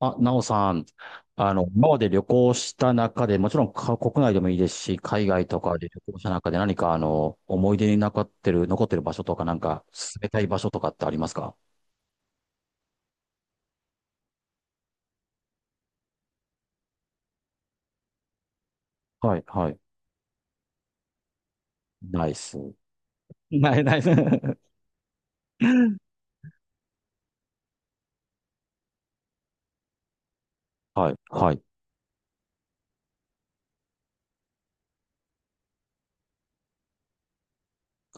あ、なおさん、今まで旅行した中で、もちろんか国内でもいいですし、海外とかで旅行した中で何か、思い出に残ってる、場所とか、なんか、進めたい場所とかってありますか？はい、はい。ナイス。ない、ナイス。はい、はい、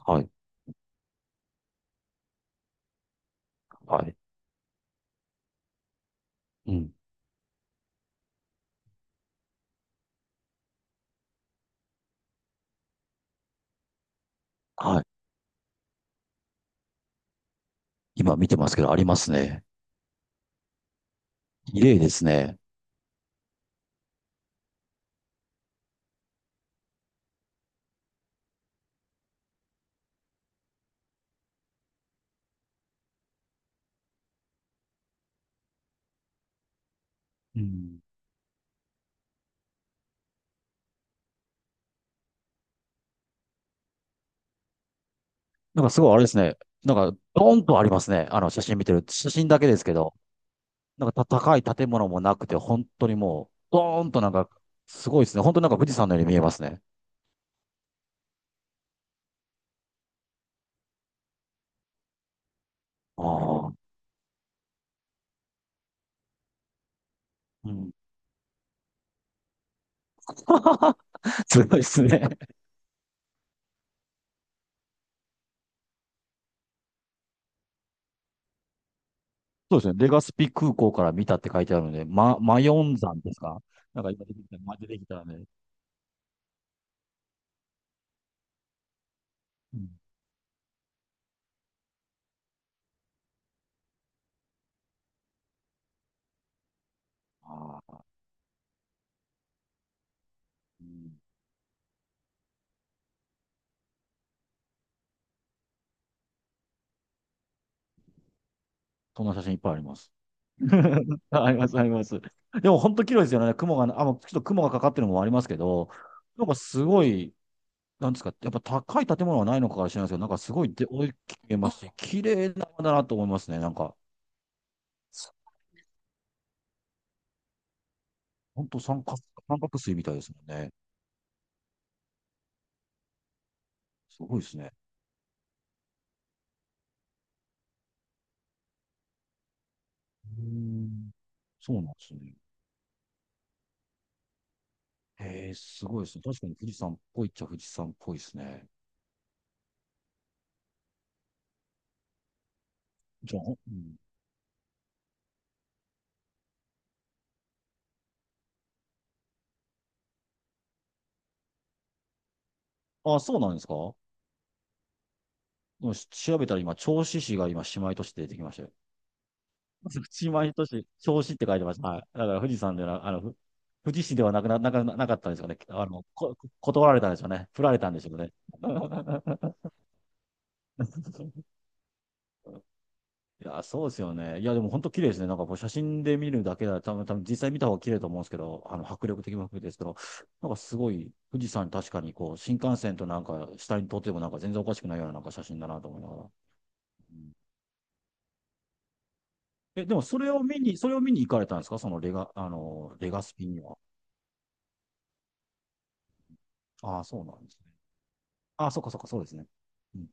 はい、はい。うん。はい。今見てますけど、ありますね。綺麗ですね。うん。なんかすごいあれですね。なんか、ドーンとありますね。あの、写真見てる。写真だけですけど。なんかた高い建物もなくて、本当にもう、ドーンとなんか、すごいですね。本当になんか富士山のように見えますね。ああ。うん。すごいですね。そうですね。レガスピ空港から見たって書いてあるので、ま、マヨン山ですか？なんか今出てきた、ま出てきたね。うん。ああ。うん。そんな写真いっぱいあります。あります、あります。でも本当綺麗ですよね。雲が、あ、もうちょっと雲がかかってるのもありますけど、なんかすごい、なんですか、やっぱ高い建物はないのかから知らないですけど、なんかすごいで大きく見えますし、綺麗な山だなと思いますね。なんか、本当三角、三角錐みたいですもんね。すごいですね。うーん。そうなんですね。へえ、すごいですね。確かに富士山っぽいっちゃ富士山っぽいですね。じゃあ、うん、あ、そうなんですか？でもし調べたら今、銚子市が今、姉妹都市で出てきましたよ。藤島仁し、表子って書いてました。はい。だから富士山では、ふ富士市ではなくな、なかなかったんですよね。あの、こ、断られたんでしょうね。振られたんでしょうね。いや、そうですよね。いや、でも本当綺麗ですね。なんかこう写真で見るだけだと多分実際見た方が綺麗だと思うんですけど、迫力的も含めてですけど、なんかすごい、富士山確かにこう、新幹線となんか下に撮ってもなんか全然おかしくないようななんか写真だなと思いながら。うん。え、でもそれを見に行かれたんですか？そのレガ、あの、レガスピには。ああ、そうなんですね。あ、そっかそっか、そうですね。うん、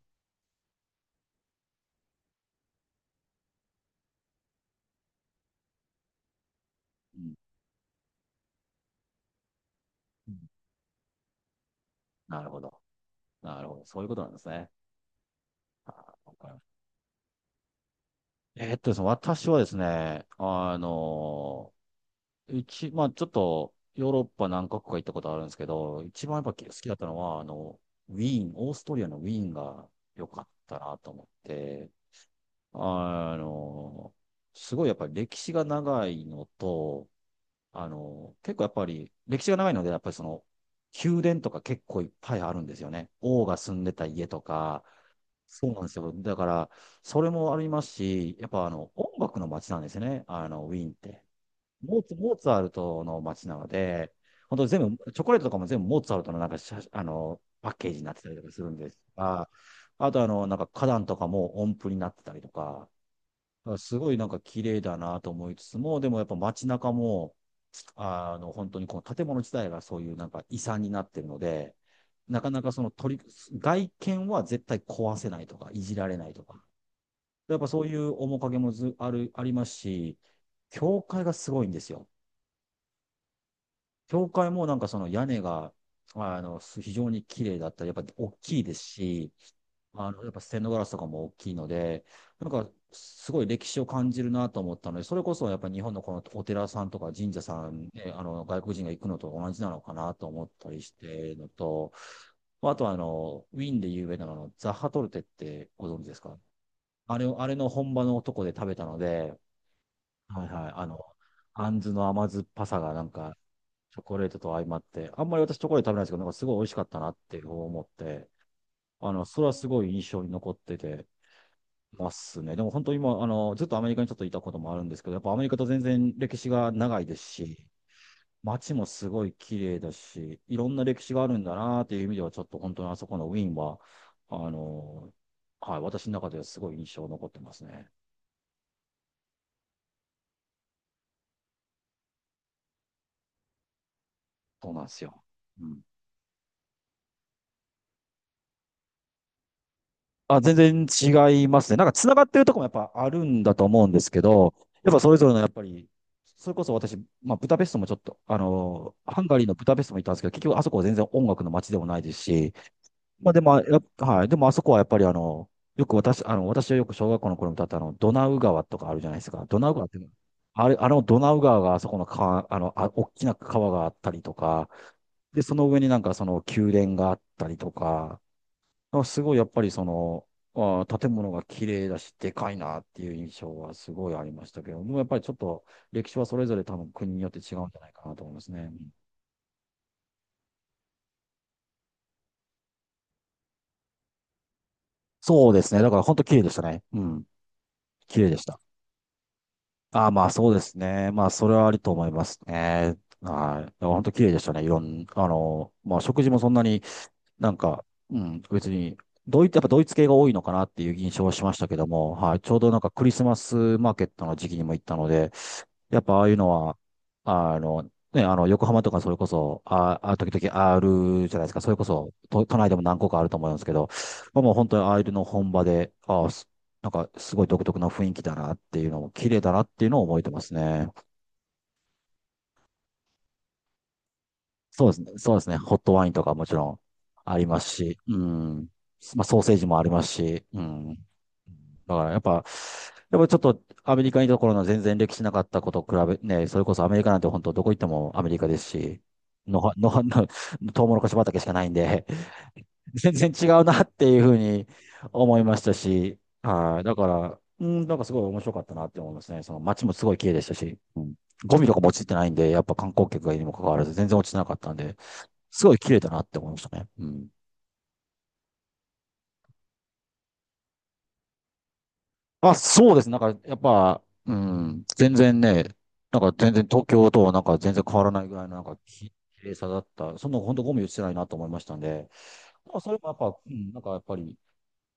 うん、うん。なるほど。なるほど。そういうことなんですね。あー、わかりました。えーっとですね、私はですね、うち、まあちょっと、ヨーロッパ何カ国か行ったことあるんですけど、一番やっぱ好きだったのは、ウィーン、オーストリアのウィーンが良かったなと思って、あのすごいやっぱり歴史が長いのと、あの、結構やっぱり歴史が長いので、やっぱりその、宮殿とか結構いっぱいあるんですよね。王が住んでた家とか、そうなんですよ。だから、それもありますし、やっぱあの、音楽の街なんですよね。あの、ウィーンって。モーツ、モーツァルトの街なので、本当全部、チョコレートとかも全部モーツァルトのなんか写、パッケージになってたりとかするんですが、あとあの、なんか花壇とかも音符になってたりとか、だからすごいなんか綺麗だなと思いつつも、でもやっぱ街中も、本当にこの建物自体がそういうなんか遺産になってるので、なかなかその取り、外見は絶対壊せないとか、いじられないとか。やっぱそういう面影もず、ある、ありますし、教会がすごいんですよ。教会もなんかその屋根が、非常に綺麗だったり、やっぱ大きいですし、やっぱステンドガラスとかも大きいので、なんか、すごい歴史を感じるなと思ったので、それこそやっぱり日本のこのお寺さんとか神社さんね、外国人が行くのと同じなのかなと思ったりしてるのと、まあとはあの、ウィーンで有名なのザッハトルテってご存知ですか？あれを、あれの本場のとこで食べたので、はいはい、あんずの甘酸っぱさがなんか、チョコレートと相まって、あんまり私チョコレート食べないんですけど、なんかすごい美味しかったなって思って、それはすごい印象に残ってて、ますね。でも本当に今、ずっとアメリカにちょっといたこともあるんですけど、やっぱアメリカと全然歴史が長いですし、街もすごい綺麗だし、いろんな歴史があるんだなっていう意味では、ちょっと本当にあそこのウィーンは、あの、はい、私の中ではすごい印象残ってますね。そうなんですよ。うん。あ、全然違いますね。なんか繋がってるとこもやっぱあるんだと思うんですけど、やっぱそれぞれのやっぱり、それこそ私、まあ、ブダペストもちょっと、ハンガリーのブダペストも行ったんですけど、結局あそこは全然音楽の街でもないですし、まあでも、やっはい。でもあそこはやっぱりあの、よく私、あの、私はよく小学校の頃に歌ったあの、ドナウ川とかあるじゃないですか。ドナウ川っていうのは、あれ、あのドナウ川があそこの川、あ、大きな川があったりとか、で、その上になんかその宮殿があったりとか、あすごいやっぱりその、あ建物が綺麗だし、でかいなっていう印象はすごいありましたけど、もうやっぱりちょっと歴史はそれぞれ多分国によって違うんじゃないかなと思いますね。うん。そうですね。だから本当綺麗でしたね。うん。綺麗でした。ああ、まあそうですね。まあそれはありと思いますね。はい。でも本当綺麗でしたね。いろん、まあ食事もそんなになんか、うん、別に、ドイツ、やっぱドイツ系が多いのかなっていう印象はしましたけども、はい。ちょうどなんかクリスマスマーケットの時期にも行ったので、やっぱああいうのは、あの、ね、横浜とかそれこそ、あ、あ、時々あるじゃないですか。それこそ、都、都内でも何個かあると思うんですけど、まあ、もう本当にああいうの本場で、あすなんかすごい独特な雰囲気だなっていうのも、綺麗だなっていうのを覚えてますね。そうですね。そうですね。ホットワインとかもちろんありますし、うん。まあ、ソーセージもありますし、うん。だからやっぱ、やっぱちょっとアメリカにいた頃の全然歴史なかったことと比べ、ね、それこそアメリカなんて本当どこ行ってもアメリカですし、のは、のは、の、トウモロコシ畑しかないんで、全然違うなっていうふうに思いましたし、はい。だから、うん、なんかすごい面白かったなって思いますね。その街もすごい綺麗でしたし、うん、ゴミとかも落ちてないんで、やっぱ観光客がいるにもかかわらず全然落ちてなかったんで、すごい綺麗だなって思いましたね。うん。あ、そうです。なんか、やっぱ、うん、全然ね、なんか全然東京となんか全然変わらないぐらいのなんかき綺麗さだった。そんなの本当ゴミ落ちてないなと思いましたんで、まあ、それもやっぱ、うん、なんかやっぱり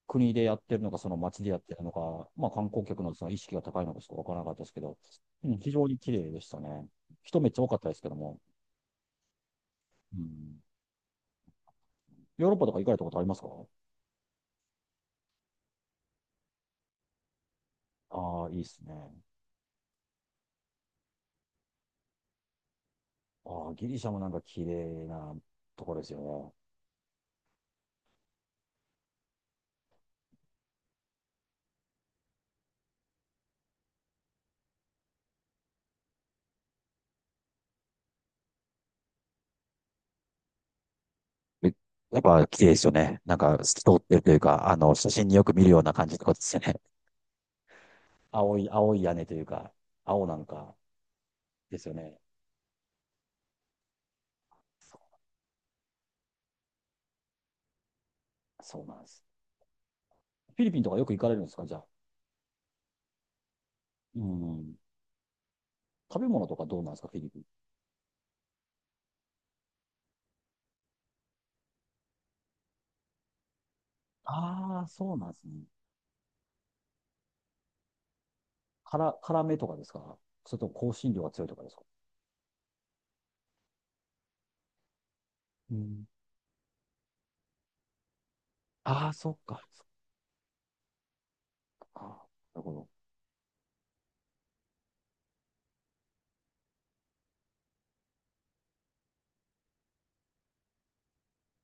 国でやってるのか、その街でやってるのか、まあ観光客のその意識が高いのかちょっとわからなかったですけど、うん、非常に綺麗でしたね。人めっちゃ多かったですけども、うん、ヨーロッパとか行かれたことありますか？ああー、いいですね。ああ、ギリシャもなんか綺麗なところですよね。め、やっぱ綺麗ですよね。なんか透き通ってるというか、写真によく見るような感じってことですよね。青い、青い屋根というか、青なんかですよね。そそうなんです。フィリピンとかよく行かれるんですか、じゃあ。うん。食べ物とかどうなんですか、フィリピン。ああ、そうなんですね。辛、辛めとかですか？それとも香辛料が強いとかですか？うん。ああ、そっか。そっか。あー、なるほど。